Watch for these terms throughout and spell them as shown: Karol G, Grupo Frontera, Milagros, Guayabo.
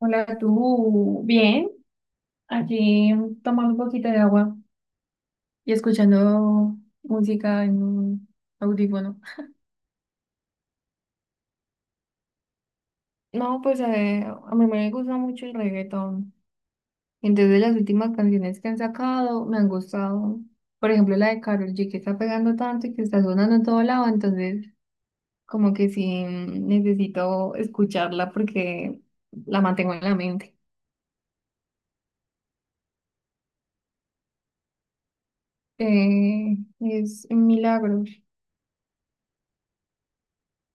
Hola, tú. Bien, aquí tomando un poquito de agua y escuchando música en un audífono. No, pues a mí me gusta mucho el reggaetón. Entonces las últimas canciones que han sacado me han gustado. Por ejemplo, la de Karol G que está pegando tanto y que está sonando en todo lado. Entonces, como que sí necesito escucharla porque la mantengo en la mente. Es Milagros.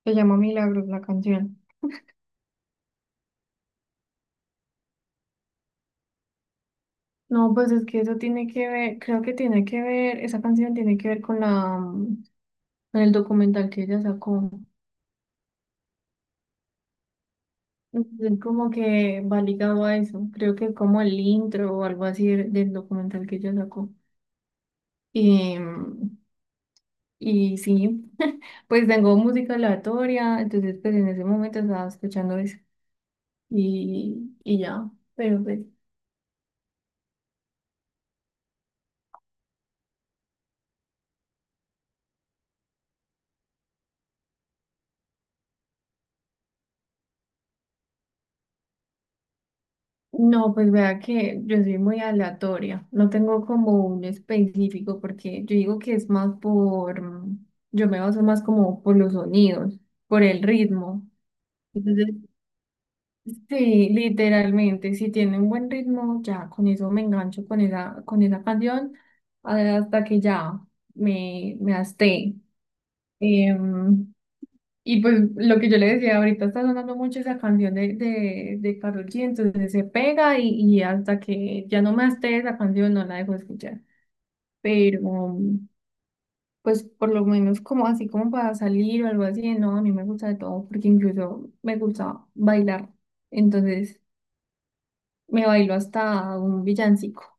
Se llama Milagros la canción. No, pues es que eso tiene que ver, creo que tiene que ver, esa canción tiene que ver con la, con el documental que ella sacó. Entonces, como que va ligado a eso. Creo que es como el intro o algo así del documental que ella sacó. Y, y sí, pues tengo música aleatoria, entonces pues en ese momento estaba escuchando eso. Y, ya, pero pues. No, pues vea que yo soy muy aleatoria, no tengo como un específico porque yo digo que es más por, yo me baso más como por los sonidos, por el ritmo. Entonces, sí, literalmente, si tiene un buen ritmo, ya con eso me engancho con esa canción hasta que ya me hasté. Y pues lo que yo le decía, ahorita está sonando mucho esa canción de Karol G, entonces se pega y hasta que ya no me esté esa canción no la dejo escuchar. Pero pues por lo menos como así como para salir o algo así, no, a mí me gusta de todo porque incluso me gusta bailar. Entonces me bailo hasta un villancico.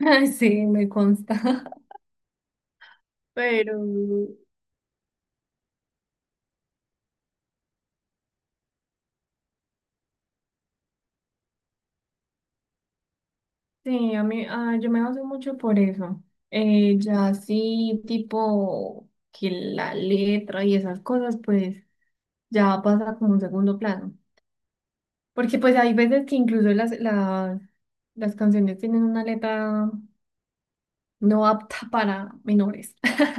Sí, me consta. Pero sí, a mí, yo me baso mucho por eso. Ya sí, tipo que la letra y esas cosas, pues ya pasa como un segundo plano. Porque pues hay veces que incluso las, las canciones tienen una letra no apta para menores.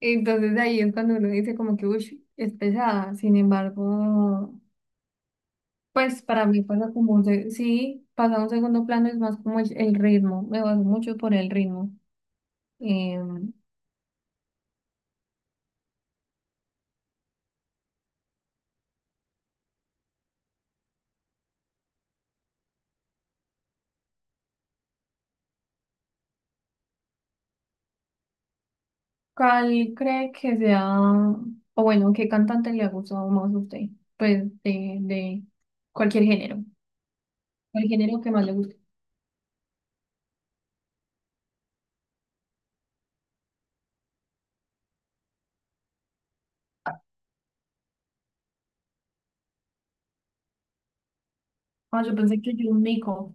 Entonces ahí es cuando uno dice como que, uy, es pesada. Sin embargo, pues para mí pasa como sí, pasa a un segundo plano, es más como el ritmo. Me baso mucho por el ritmo. Em, ¿Cuál cree que sea, o bueno, qué cantante le ha gustado más a usted? Pues de cualquier género, el género que más le guste. Ah, yo pensé que yo un mico,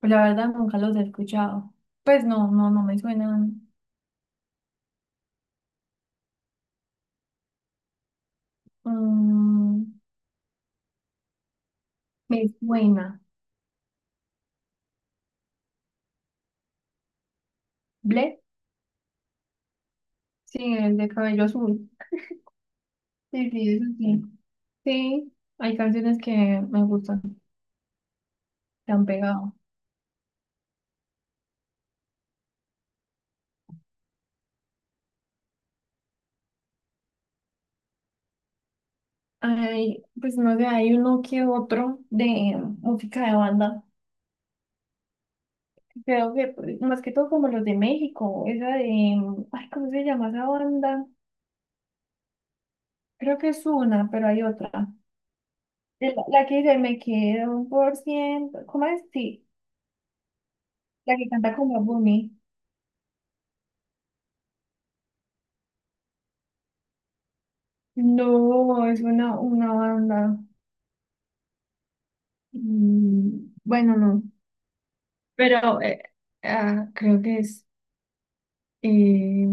pues la verdad nunca los he escuchado. Pues no, no, no me suenan. Mm, me suena. ¿Ble? Sí, el de cabello azul. Sí, sí, eso sí. Sí, hay canciones que me gustan, que han pegado. Ay, pues no sé, hay uno que otro de música de banda. Creo que pues, más que todo como los de México, esa de, ay, ¿cómo se llama esa banda? Creo que es una, pero hay otra. La que dice, me quedo un por ciento, ¿cómo es? Sí, la que canta como Bunny. No, es una banda. Mm, bueno, no, pero creo que es, eh,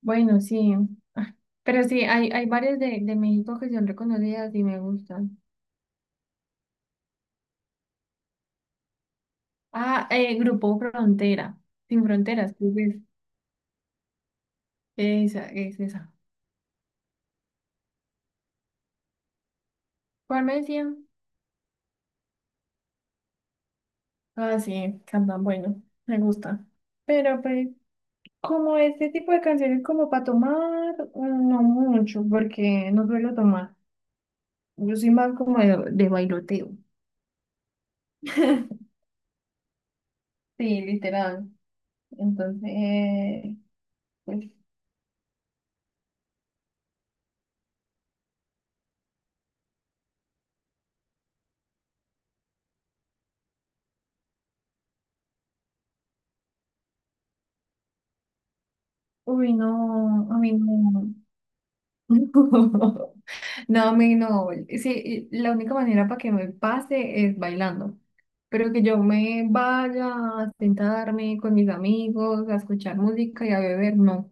bueno, sí. Ah, pero sí, hay varias de México que son reconocidas y me gustan. Grupo Frontera. Sin fronteras, creo que es. Esa, es esa. ¿Cuál me decían? Ah, sí, cantan bueno, me gusta. Pero pues, como este tipo de canciones como para tomar, no mucho, porque no suelo tomar. Yo soy más como de bailoteo. Sí, literal. Entonces, pues, uy, no, a mí no. No, me no. Sí, la única manera para que me pase es bailando. Pero que yo me vaya a sentarme con mis amigos, a escuchar música y a beber, no,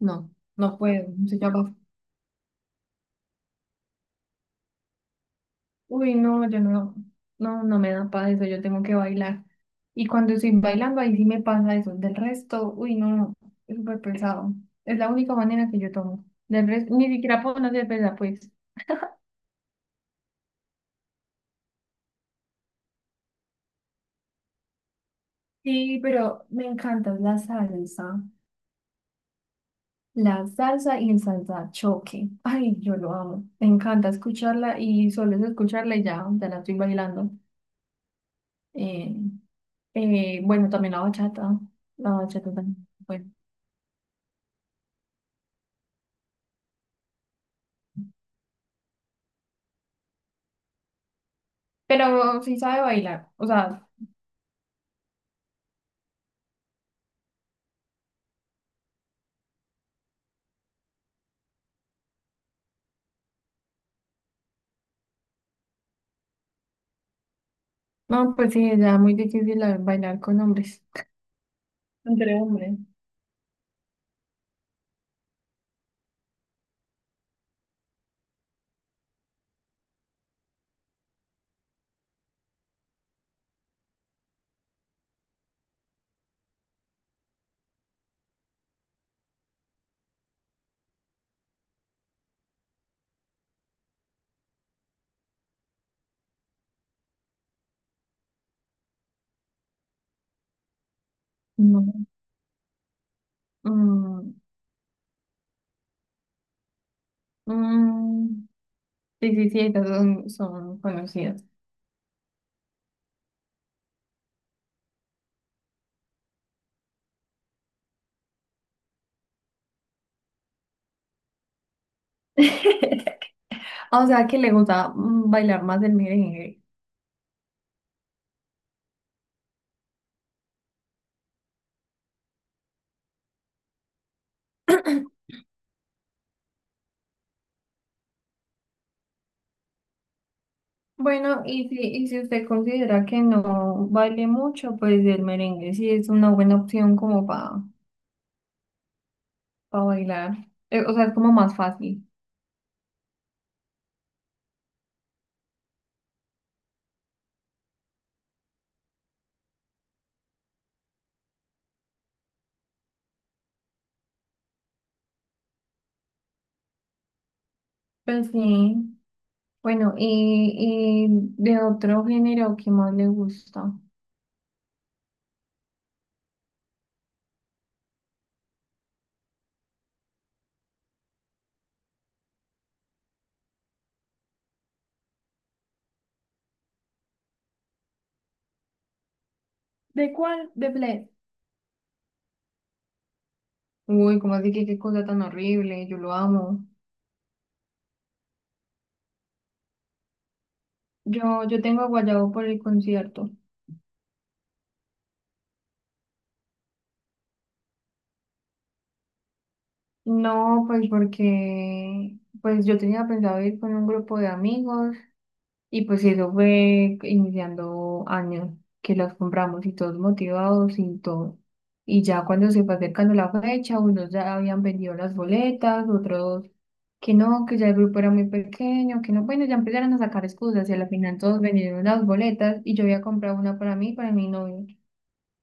no, no puedo. Se llama, uy, no, yo no, no, no me da para eso, yo tengo que bailar. Y cuando estoy bailando, ahí sí me pasa eso. Del resto, uy, no, no, es súper pesado. Es la única manera que yo tomo. Del resto, ni siquiera puedo no ser pesada, pues. Sí, pero me encanta la salsa. La salsa y el salsa choque. Ay, yo lo amo. Me encanta escucharla y solo es escucharla y ya, ya la estoy bailando. Eh, bueno, también la bachata. La bachata también. Bueno, pero sí sabe bailar. O sea, no, pues sí, ya muy difícil bailar con hombres. Entre hombres. No. Mm, mm, sí, sí, sí, esas son, son conocidas. O sea, que le gusta bailar más el merengue. Bueno, y si usted considera que no baile mucho, pues el merengue sí es una buena opción como para bailar. O sea, es como más fácil. Pues sí. Bueno, y de otro género qué más le gusta. ¿De cuál? De Bled. Uy, cómo así que qué cosa tan horrible, yo lo amo. Yo tengo a Guayabo por el concierto. No, pues porque pues yo tenía pensado ir con un grupo de amigos y pues eso fue iniciando año que las compramos y todos motivados y todo. Y ya cuando se fue acercando la fecha, unos ya habían vendido las boletas, otros que no, que ya el grupo era muy pequeño, que no, bueno, ya empezaron a sacar excusas y a la final todos vendieron las boletas y yo había comprado una para mí, y para mi novio.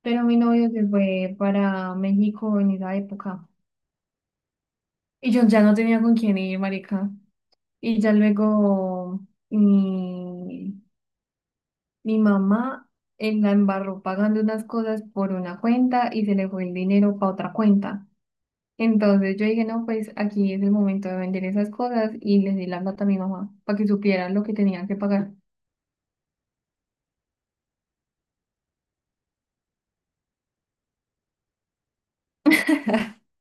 Pero mi novio se fue para México en esa época y yo ya no tenía con quién ir, marica. Y ya luego... mm, mi mamá la embarró pagando unas cosas por una cuenta y se le fue el dinero para otra cuenta. Entonces yo dije, no, pues aquí es el momento de vender esas cosas y les di la plata a mi mamá para que supieran lo que tenían que pagar.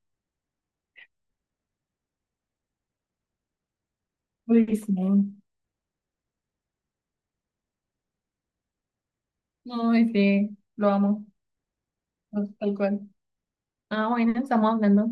Uy, sí. No, ese lo amo, no, tal cual. Ah, bueno, estamos hablando.